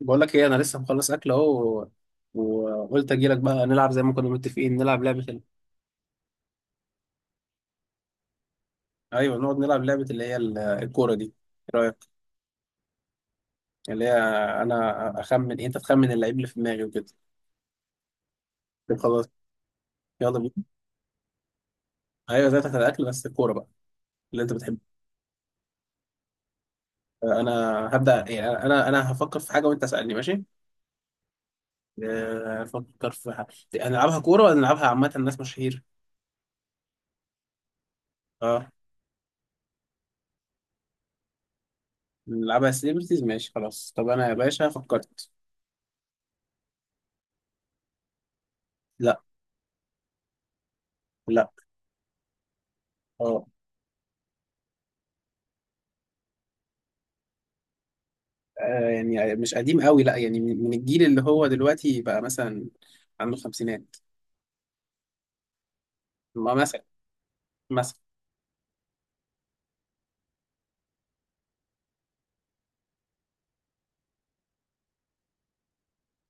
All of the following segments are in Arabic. بقول لك ايه، انا لسه مخلص اكل اهو. وقلت اجي لك بقى نلعب زي ما كنا متفقين. نلعب لعبه ال... ايوه نقعد نلعب لعبه اللي هي الكوره، دي ايه رايك؟ اللي هي انا اخمن انت تخمن اللعيب اللي في دماغي وكده. طب خلاص يلا بينا. ايوه زي بتاعت الاكل بس الكوره بقى اللي انت بتحبها. انا هبدا، يعني انا هفكر في حاجه وانت اسالني، ماشي؟ افكر في حاجه. هنلعبها كوره ولا نلعبها عامه، الناس مشاهير؟ اه. نلعبها سيلبرتيز، ماشي خلاص. طب انا يا باشا فكرت. لا. لا. اه. يعني مش قديم قوي، لا، يعني من الجيل اللي هو دلوقتي بقى، مثلا عنده خمسينات. ما مثلا. مثلا.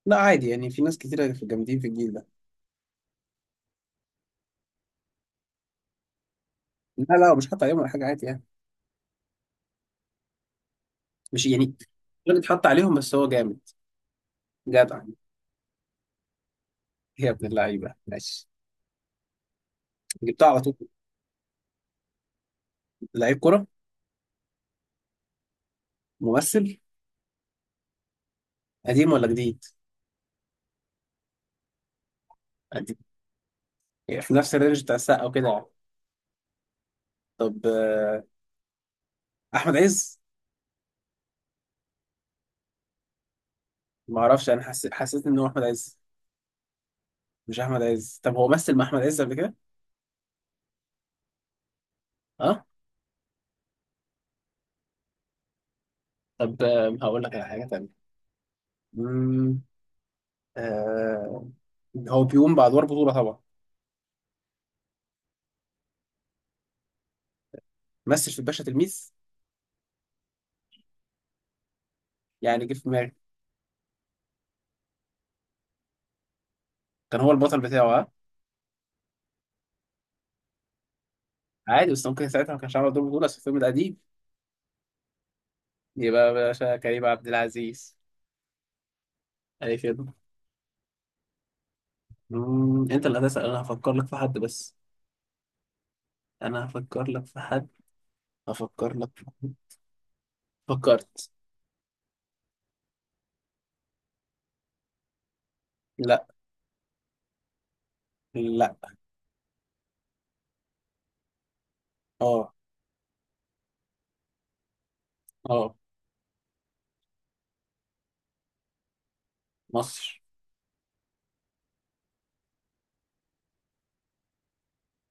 لا عادي يعني، في ناس كتيرة في جامدين في الجيل ده. لا لا، مش حاطط عليهم ولا حاجة، عادي يعني. مش يعني غير اتحط عليهم، بس هو جامد. جدع إيه؟ يا ابن اللعيبة، ماشي. جبتها على طول. لعيب كرة؟ ممثل. قديم ولا جديد؟ قديم. يعني في نفس الرينج بتاع السقا وكده يعني. طب أحمد عز. ما أعرفش، أنا حسيت إن هو أحمد عز. مش أحمد عز؟ طب هو مثل مع أحمد عز قبل كده؟ اه. طب هقول لك على حاجه تانية. مم، آه. هو بيقوم بادوار بطوله طبعا. مثل في الباشا تلميذ؟ يعني جه في دماغي. كان هو البطل بتاعه، ها. عادي، بس ممكن ساعتها ما كانش عامل دور بطوله، بس في الفيلم القديم يبقى باشا كريم عبد العزيز. اي خدمه. انت اللي هتسال، انا هفكر لك في حد بس. انا هفكر لك في حد. هفكر لك في حد. فكرت. لا. لا. اه. اه. مصر.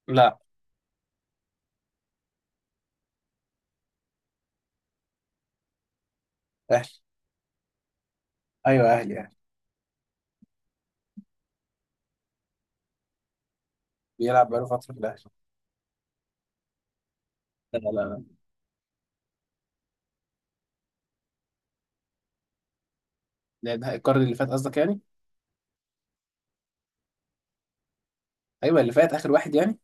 لا. اهلي. ايوه اهلي اهلي. بيلعب بقاله فتره في الاهلي. لا لا. لا لا، القرن اللي فات قصدك يعني. ايوه اللي فات، اخر واحد يعني.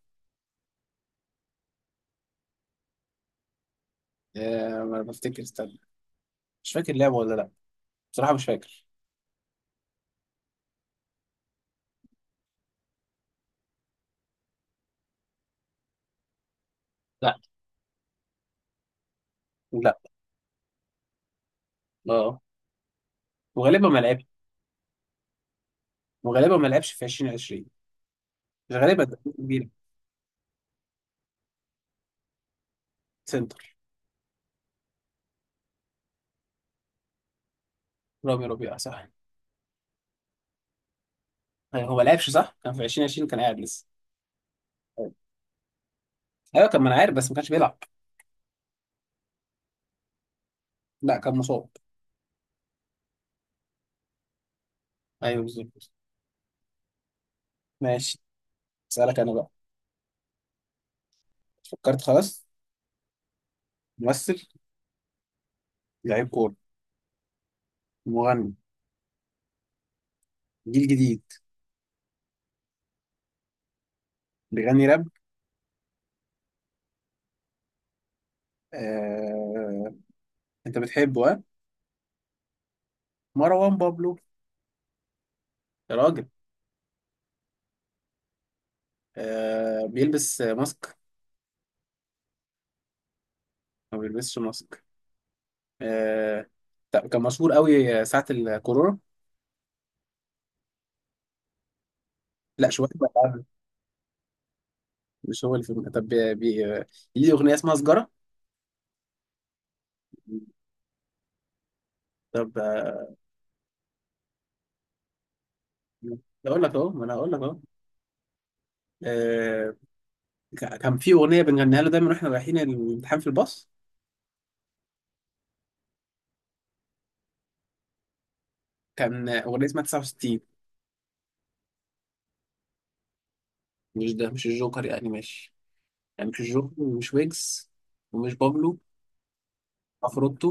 ما بفتكر، استنى. مش فاكر لعبه ولا لا، بصراحه مش فاكر. لا. لا. اه. وغالبا ما لعبش. وغالبا ما لعبش في 2020. مش غالبا، ده كبير. سنتر. رامي ربيعه، صح. هو ما لعبش صح، كان في 2020 كان قاعد لسه. ايوه كان، ما انا عارف، بس ما كانش بيلعب. لا كان مصاب. ايوه بالظبط. ماشي. اسالك انا بقى. فكرت خلاص. ممثل. لعيب كوره. مغني. جيل جديد. بيغني راب. آه... انت بتحبه، ها؟ مروان بابلو. يا راجل. بيلبس ماسك؟ ما بيلبسش ماسك. آه طب كان مشهور قوي ساعة الكورونا. لا شوية بقى. مش هو اللي في ليه أغنية اسمها سجارة؟ طب اقول لك اهو، ما انا اقول لك اهو. آه، كان في اغنيه بنغنيها له دايما واحنا رايحين الامتحان في الباص. كان اغنيه اسمها 69. مش ده، مش الجوكر يعني ماشي، يعني مش الجوكر ومش ويجز ومش بابلو. عفروتو.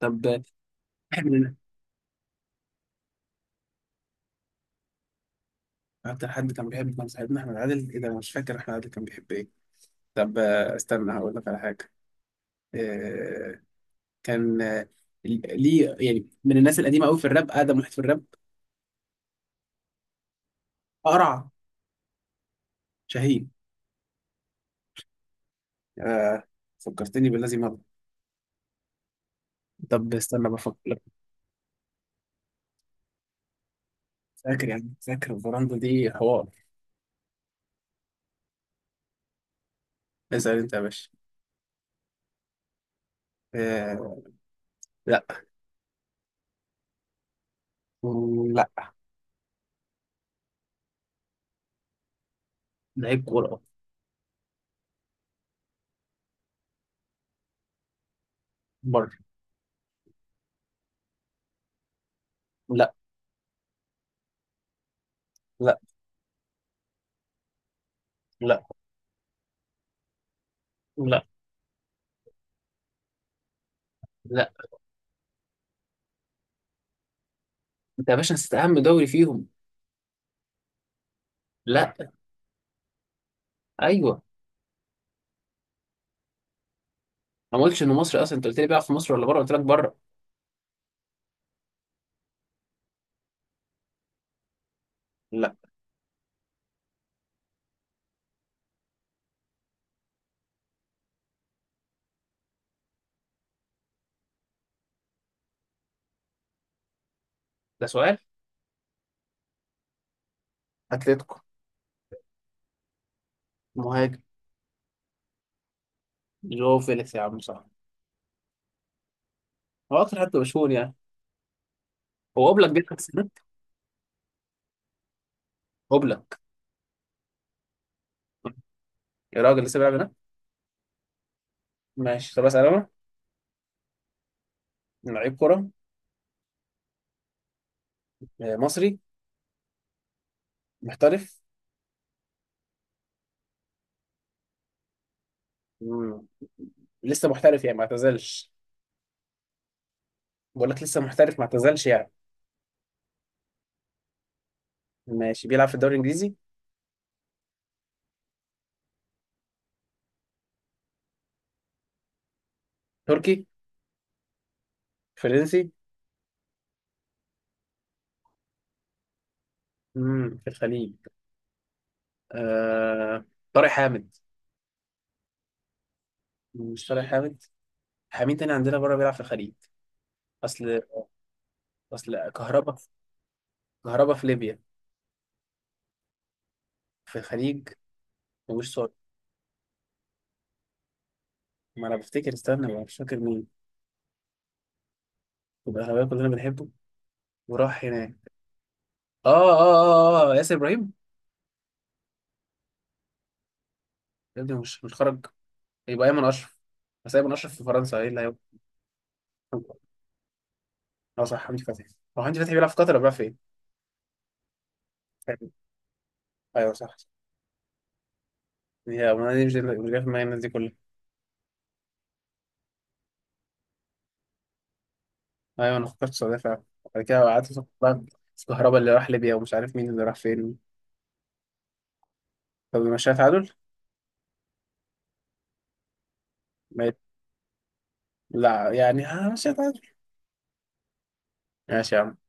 طب. اكتر حد كان بيحب كان صاحبنا احمد عادل؟ ايه ده، انا مش فاكر احمد عادل كان بيحب ايه. طب استنى هقول لك على حاجه. آه، كان ليه يعني، من الناس القديمه قوي في الراب، اقدم واحد في الراب. قرع. شاهين. آه، فكرتني بالذي مضى. طب استنى بفكر لك. فاكر يعني، فاكر الفراندو دي حوار. اسال انت يا باشا. آه، لا. لا. لعيب كوره. بره. لا. لا. لا. لا. لا. انت يا باشا نسيت اهم دوري فيهم. لا. ايوه. انا ما قلتش انه مصري اصلا، انت قلت لي بيلعب في مصر ولا بره، قلت لك بره. لا. ده سؤال. اتلتيكو. مهاجم. جو فيليكس يا عم، صح. هو اكتر حد مشهور يعني. هو اوبلاك بيلعب هناك. اوبلاك. يا راجل لسه بيلعب هناك. ماشي. طب اسال انا. لعيب كوره. مصري. محترف. مم. لسه محترف يعني، ما اعتزلش. بقول لك لسه محترف، ما اعتزلش يعني. ماشي. بيلعب في الدوري الانجليزي. تركي. فرنسي. امم، في الخليج. آه... طارق حامد. مش طارق حامد. حامين تاني عندنا بره بيلعب في الخليج. اصل. اصل كهربا. كهربا في ليبيا. في الخليج. مش صار. ما انا بفتكر، استنى، ما مش فاكر مين. والأهلاوية كلنا بنحبه، وراح هناك. اه اه اه اه، ياسر ابراهيم. يا ابني مش خرج. يبقى ايمن اشرف. بس ايمن اشرف في فرنسا، ايه اللي هيبقى. اه صح، حمدي فتحي. هو حمدي فتحي بيلعب في قطر ولا بيلعب فين؟ ايوه صح. هي، ما دي مش جايه في دماغي الناس دي كلها. ايوه، انا فكرت السعوديه فعلا. بعد كده قعدت افكر بقى في الكهرباء اللي راح ليبيا ومش عارف مين اللي راح فين. طب مشيها تعادل؟ ما يت- لا يعني، ها مشيها تعادل. ماشي يا عم.